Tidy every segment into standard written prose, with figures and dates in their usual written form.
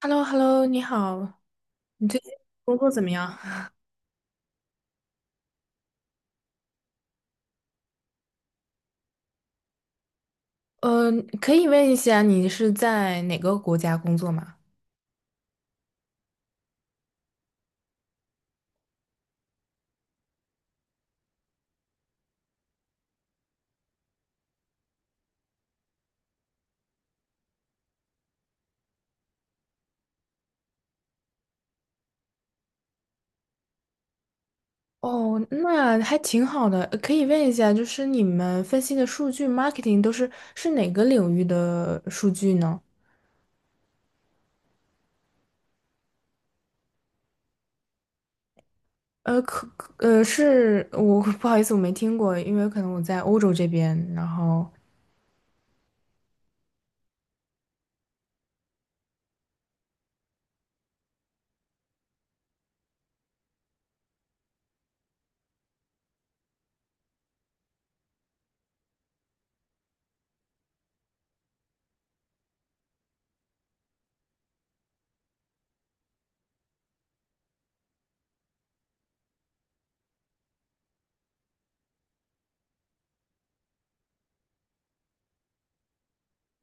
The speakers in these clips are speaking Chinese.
hello hello 你好，你最近工作怎么样？呃，可以问一下你是在哪个国家工作吗？哦，那还挺好的。可以问一下，就是你们分析的数据 marketing 都是哪个领域的数据呢？呃，可可呃是我 不好意思，我没听过，因为可能我在欧洲这边，然后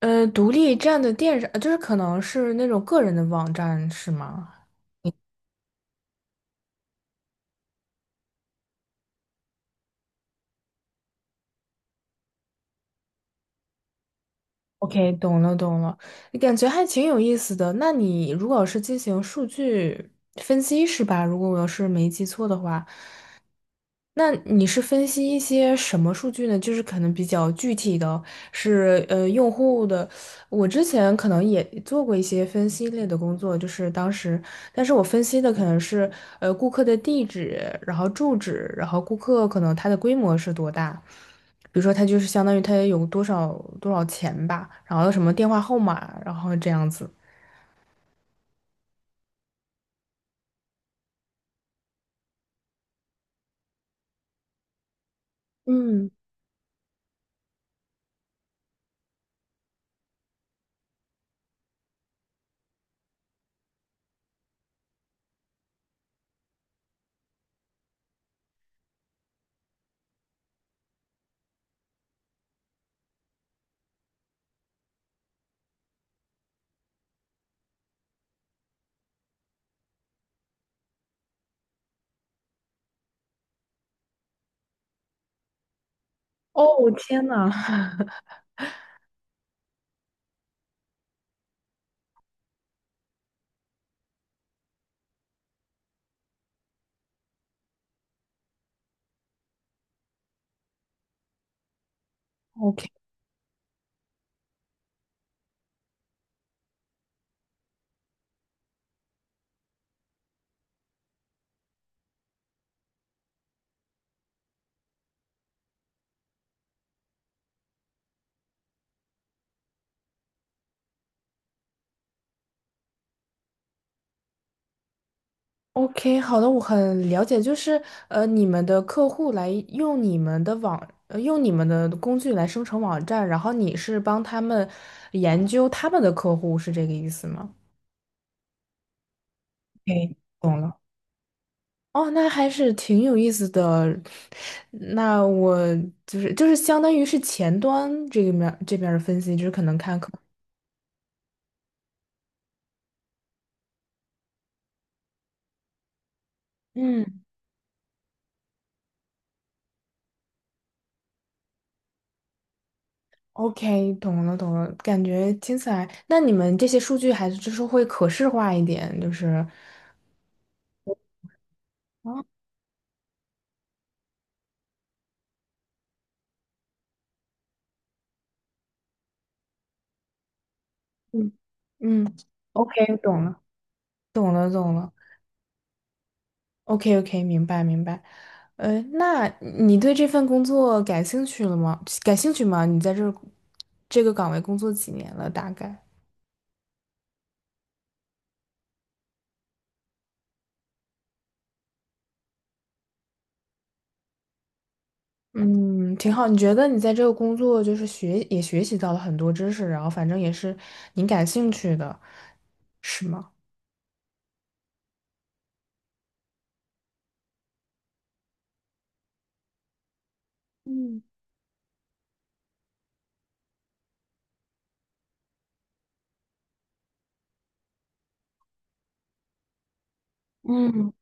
独立站的电商，就是可能是那种个人的网站是吗？OK，懂了懂了，感觉还挺有意思的。那你如果是进行数据分析是吧？如果我要是没记错的话，那你是分析一些什么数据呢？就是可能比较具体的是，用户的。我之前可能也做过一些分析类的工作，就是当时，但是我分析的可能是，顾客的地址，然后住址，然后顾客可能他的规模是多大，比如说他就是相当于他有多少钱吧，然后什么电话号码，然后这样子。嗯，哦，我天呐 ，OK。OK，好的，我很了解，就是你们的客户来用你们的用你们的工具来生成网站，然后你是帮他们研究他们的客户，是这个意思吗？OK，懂了。哦，那还是挺有意思的。那我就是相当于是前端这个面这边儿的分析，就是可能看客。嗯，OK，懂了懂了，感觉听起来，那你们这些数据还是就是会可视化一点，就是。哦嗯嗯，OK，懂了，懂了，懂了。OK，OK，明白，明白。那你对这份工作感兴趣了吗？感兴趣吗？你在这儿这个岗位工作几年了？大概？嗯，挺好。你觉得你在这个工作就是也学习到了很多知识，然后反正也是你感兴趣的，是吗？嗯嗯。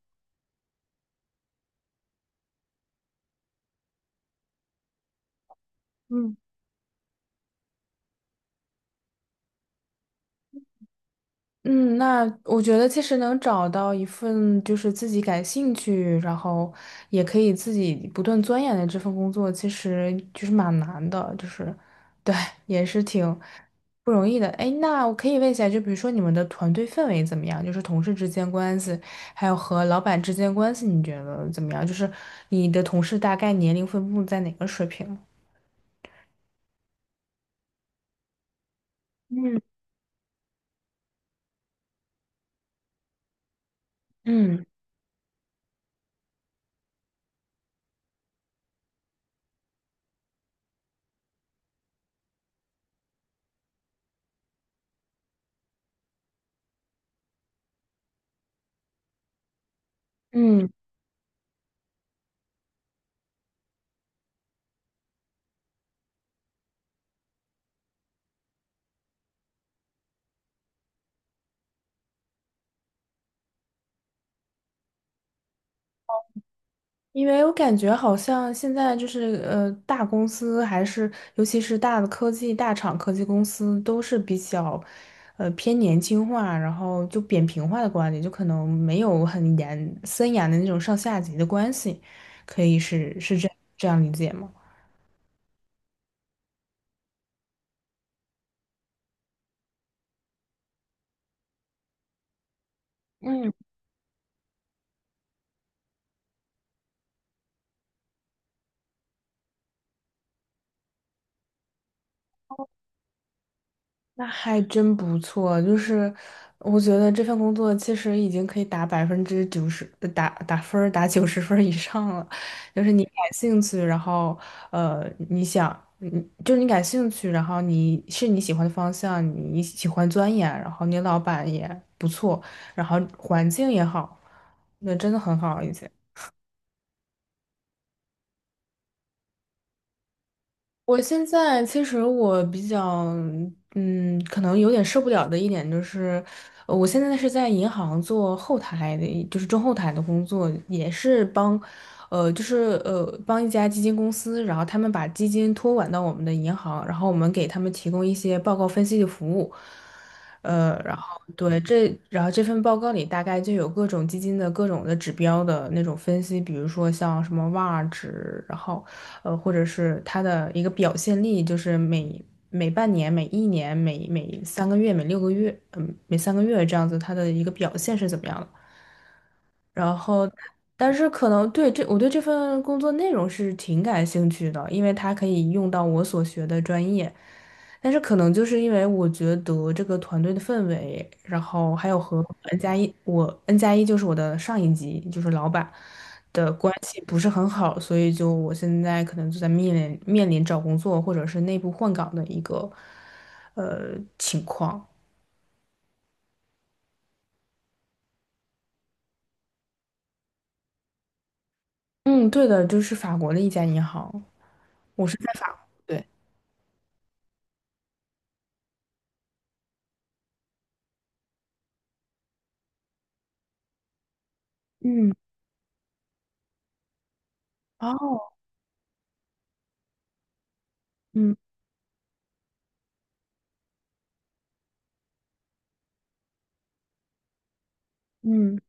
嗯。嗯，那我觉得其实能找到一份就是自己感兴趣，然后也可以自己不断钻研的这份工作，其实就是蛮难的，就是对，也是挺不容易的。哎，那我可以问一下，就比如说你们的团队氛围怎么样？就是同事之间关系，还有和老板之间关系，你觉得怎么样？就是你的同事大概年龄分布在哪个水平？嗯。嗯嗯。因为我感觉好像现在就是大公司还是尤其是大的科技大厂、科技公司都是比较，偏年轻化，然后就扁平化的管理，就可能没有很严森严的那种上下级的关系，可以是这样理解吗？嗯。那还真不错，就是我觉得这份工作其实已经可以打90%，打90分儿以上了。就是你感兴趣，然后呃，你就是你感兴趣，然后你是你喜欢的方向，你喜欢钻研，然后你老板也不错，然后环境也好，那真的很好，已经。我现在其实我比较，嗯，可能有点受不了的一点就是，我现在是在银行做后台的，就是中后台的工作，也是帮，呃，就是呃，帮一家基金公司，然后他们把基金托管到我们的银行，然后我们给他们提供一些报告分析的服务，呃，然后对这，然后这份报告里大概就有各种基金的各种的指标的那种分析，比如说像什么 VaR 值，然后。或者是他的一个表现力，就是每半年、每一年、每三个月、每6个月，嗯，每三个月这样子，他的一个表现是怎么样的？然后，但是可能我对这份工作内容是挺感兴趣的，因为它可以用到我所学的专业。但是可能就是因为我觉得这个团队的氛围，然后还有和 N 加一，我 N+1就是我的上一级，就是老板的关系不是很好，所以就我现在可能就在面临找工作或者是内部换岗的一个情况。嗯，对的，就是法国的一家银行，我是在法国，对。嗯。哦，嗯嗯，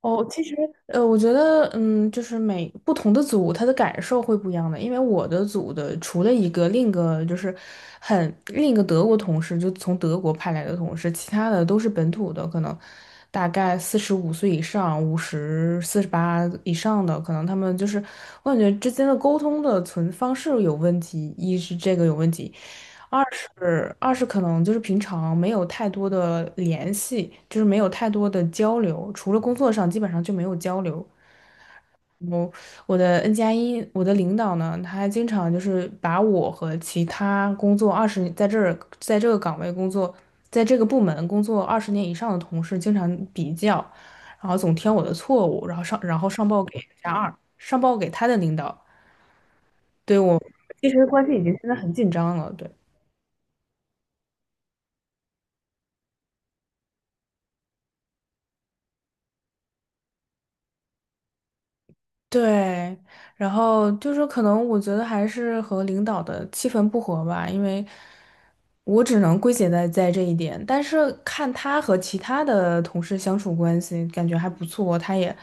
哦，其实我觉得就是每不同的组，他的感受会不一样的。因为我的组的除了一个，另一个德国同事，就从德国派来的同事，其他的都是本土的，可能大概45岁以上、50、48以上的，可能他们就是我感觉之间的沟通的存方式有问题，一是这个有问题，二是二是可能就是平常没有太多的联系，就是没有太多的交流，除了工作上基本上就没有交流。我我的 N 加一，我的领导呢，他还经常就是把我和其他工作二十在这儿在这个岗位工作，在这个部门工作20年以上的同事经常比较，然后总挑我的错误，然后上报给加二，上报给他的领导，对我其实关系已经现在很紧张了，对。对，然后就是可能我觉得还是和领导的气氛不合吧，因为我只能归结在这一点。但是看他和其他的同事相处关系，感觉还不错，他也，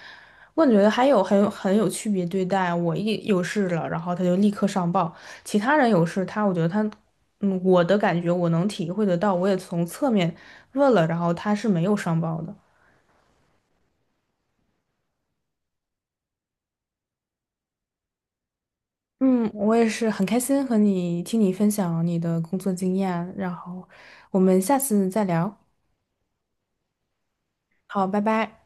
我感觉得还有很有区别对待。我一有事了，然后他就立刻上报；其他人有事，他我觉得他，我的感觉我能体会得到，我也从侧面问了，然后他是没有上报的。嗯，我也是很开心和你听你分享你的工作经验，然后我们下次再聊。好，拜拜。